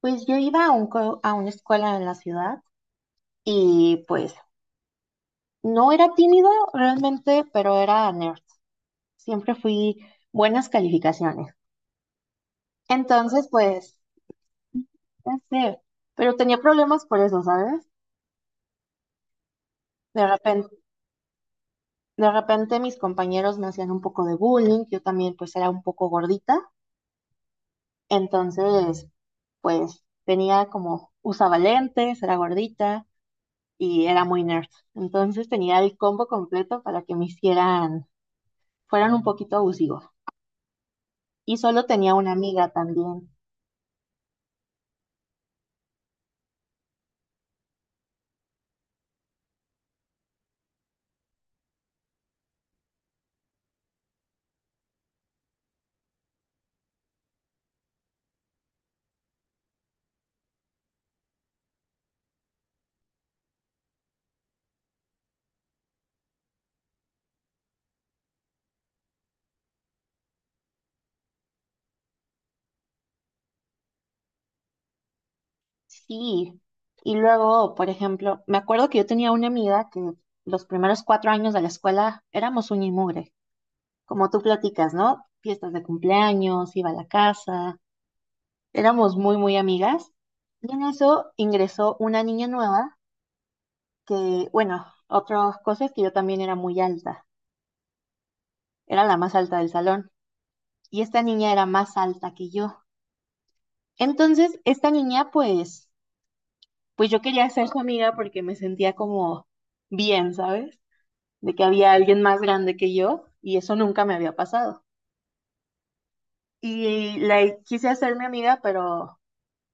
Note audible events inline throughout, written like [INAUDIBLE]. Pues yo iba a una escuela en la ciudad y pues no era tímido realmente, pero era nerd. Siempre fui buenas calificaciones. Entonces, pues, no sé, pero tenía problemas por eso, ¿sabes? De repente, de repente, mis compañeros me hacían un poco de bullying, yo también pues era un poco gordita, entonces pues tenía como, usaba lentes, era gordita y era muy nerd. Entonces tenía el combo completo para que me hicieran fueron un poquito abusivos. Y solo tenía una amiga también. Sí. Y luego, por ejemplo, me acuerdo que yo tenía una amiga que los primeros 4 años de la escuela éramos un y mugre, como tú platicas, ¿no? Fiestas de cumpleaños, iba a la casa, éramos muy, muy amigas. Y en eso ingresó una niña nueva que, bueno, otra cosa es que yo también era muy alta, era la más alta del salón. Y esta niña era más alta que yo. Entonces, esta niña, pues yo quería ser su amiga porque me sentía como bien, ¿sabes? De que había alguien más grande que yo y eso nunca me había pasado. Y la quise hacer mi amiga, pero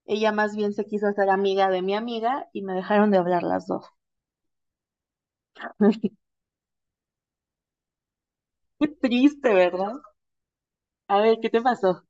ella más bien se quiso hacer amiga de mi amiga y me dejaron de hablar las dos. [LAUGHS] Qué triste, ¿verdad? A ver, ¿qué te pasó?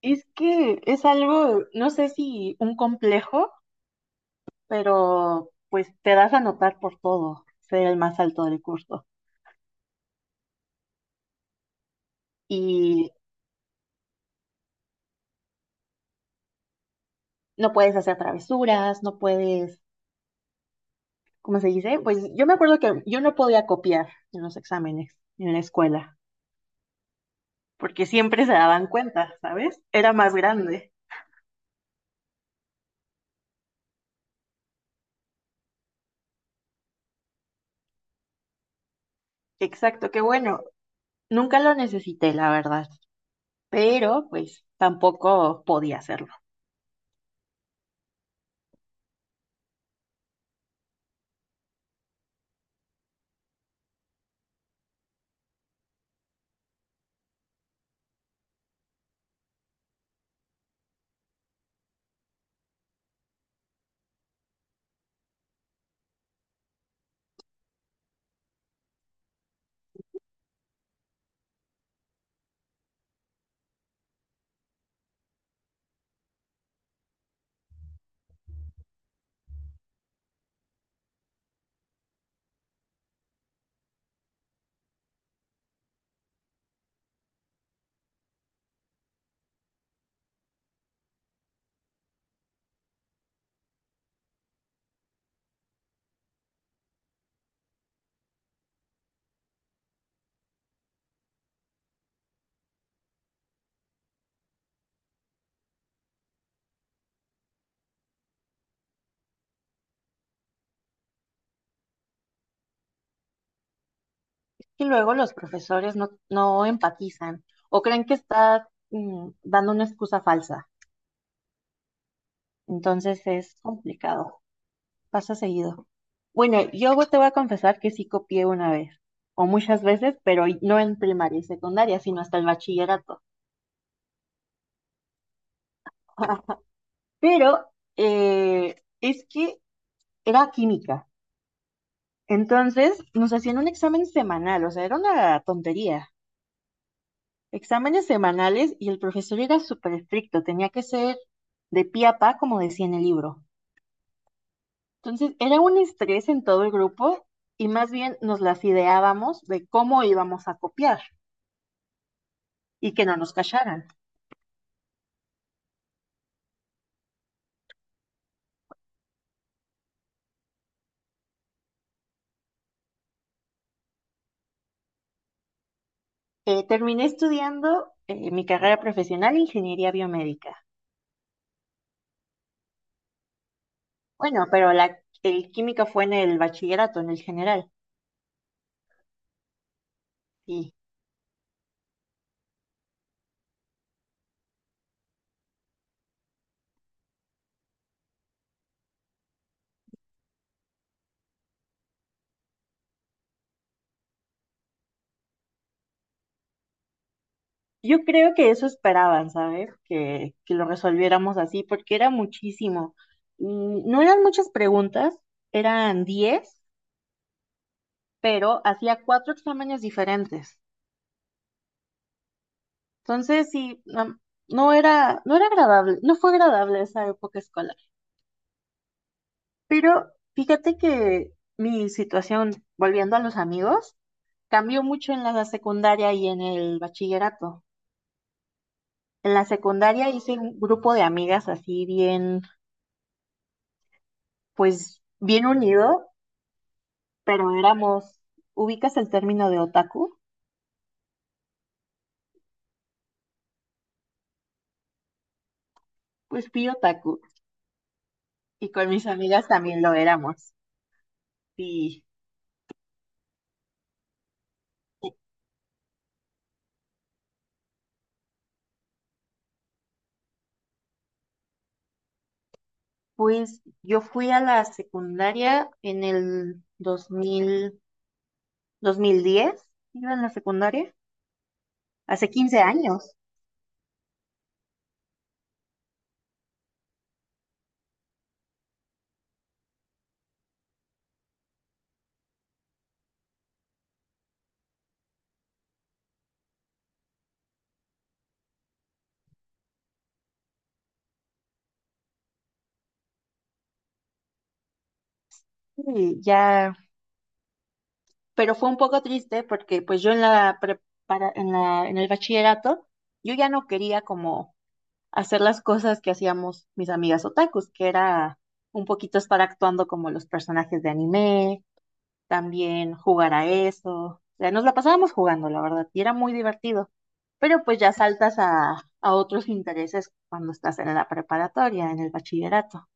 Es que es algo, no sé si un complejo, pero pues te das a notar por todo, ser el más alto del curso. Y no puedes hacer travesuras, no puedes, ¿cómo se dice? Pues yo me acuerdo que yo no podía copiar en los exámenes en la escuela, porque siempre se daban cuenta, ¿sabes? Era más grande. Exacto, qué bueno. Nunca lo necesité, la verdad, pero pues tampoco podía hacerlo. Y luego los profesores no empatizan o creen que está dando una excusa falsa. Entonces es complicado. Pasa seguido. Bueno, yo te voy a confesar que sí copié una vez, o muchas veces, pero no en primaria y secundaria, sino hasta el bachillerato. Pero es que era química. Entonces nos hacían un examen semanal, o sea, era una tontería. Exámenes semanales y el profesor era súper estricto, tenía que ser de pie a pa, como decía en el libro. Entonces era un estrés en todo el grupo y más bien nos las ideábamos de cómo íbamos a copiar y que no nos callaran. Terminé estudiando mi carrera profesional, ingeniería biomédica. Bueno, pero el química fue en el bachillerato, en el general. Y yo creo que eso esperaban, ¿sabes? Que lo resolviéramos así, porque era muchísimo. No eran muchas preguntas, eran 10, pero hacía cuatro exámenes diferentes. Entonces, sí, no, no era agradable, no fue agradable esa época escolar. Pero fíjate que mi situación, volviendo a los amigos, cambió mucho en la secundaria y en el bachillerato. En la secundaria hice un grupo de amigas así bien, pues bien unido, pero éramos, ubicas el término de otaku, pues fui otaku y con mis amigas también lo éramos. Y pues yo fui a la secundaria en el 2000, 2010, iba en la secundaria, hace 15 años. Sí, ya, pero fue un poco triste porque pues yo en la prepara- en la, en el bachillerato, yo ya no quería como hacer las cosas que hacíamos mis amigas otakus, que era un poquito estar actuando como los personajes de anime, también jugar a eso. O sea, nos la pasábamos jugando, la verdad, y era muy divertido. Pero pues ya saltas a otros intereses cuando estás en la preparatoria, en el bachillerato.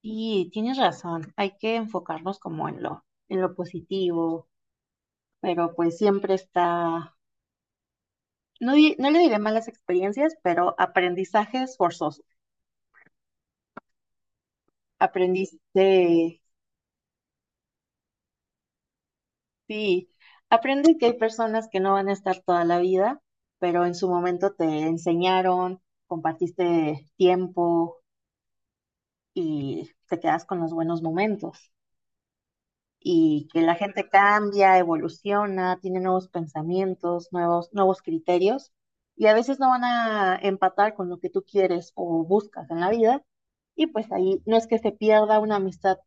Y tienes razón, hay que enfocarnos como en lo positivo, pero pues siempre está, no, le diré malas experiencias, pero aprendizajes forzosos. Aprendiste, sí, aprende que hay personas que no van a estar toda la vida, pero en su momento te enseñaron, compartiste tiempo y te quedas con los buenos momentos. Y que la gente cambia, evoluciona, tiene nuevos pensamientos, nuevos criterios, y a veces no van a empatar con lo que tú quieres o buscas en la vida y pues ahí no es que se pierda una amistad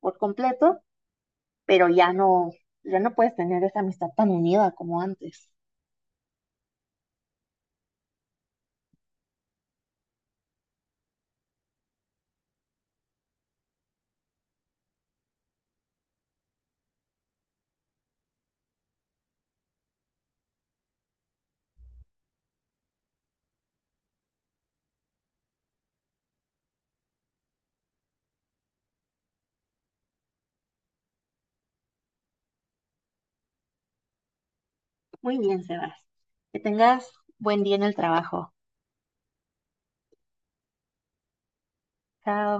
por completo, pero ya no, puedes tener esa amistad tan unida como antes. Muy bien, Sebas. Que tengas buen día en el trabajo. Chao.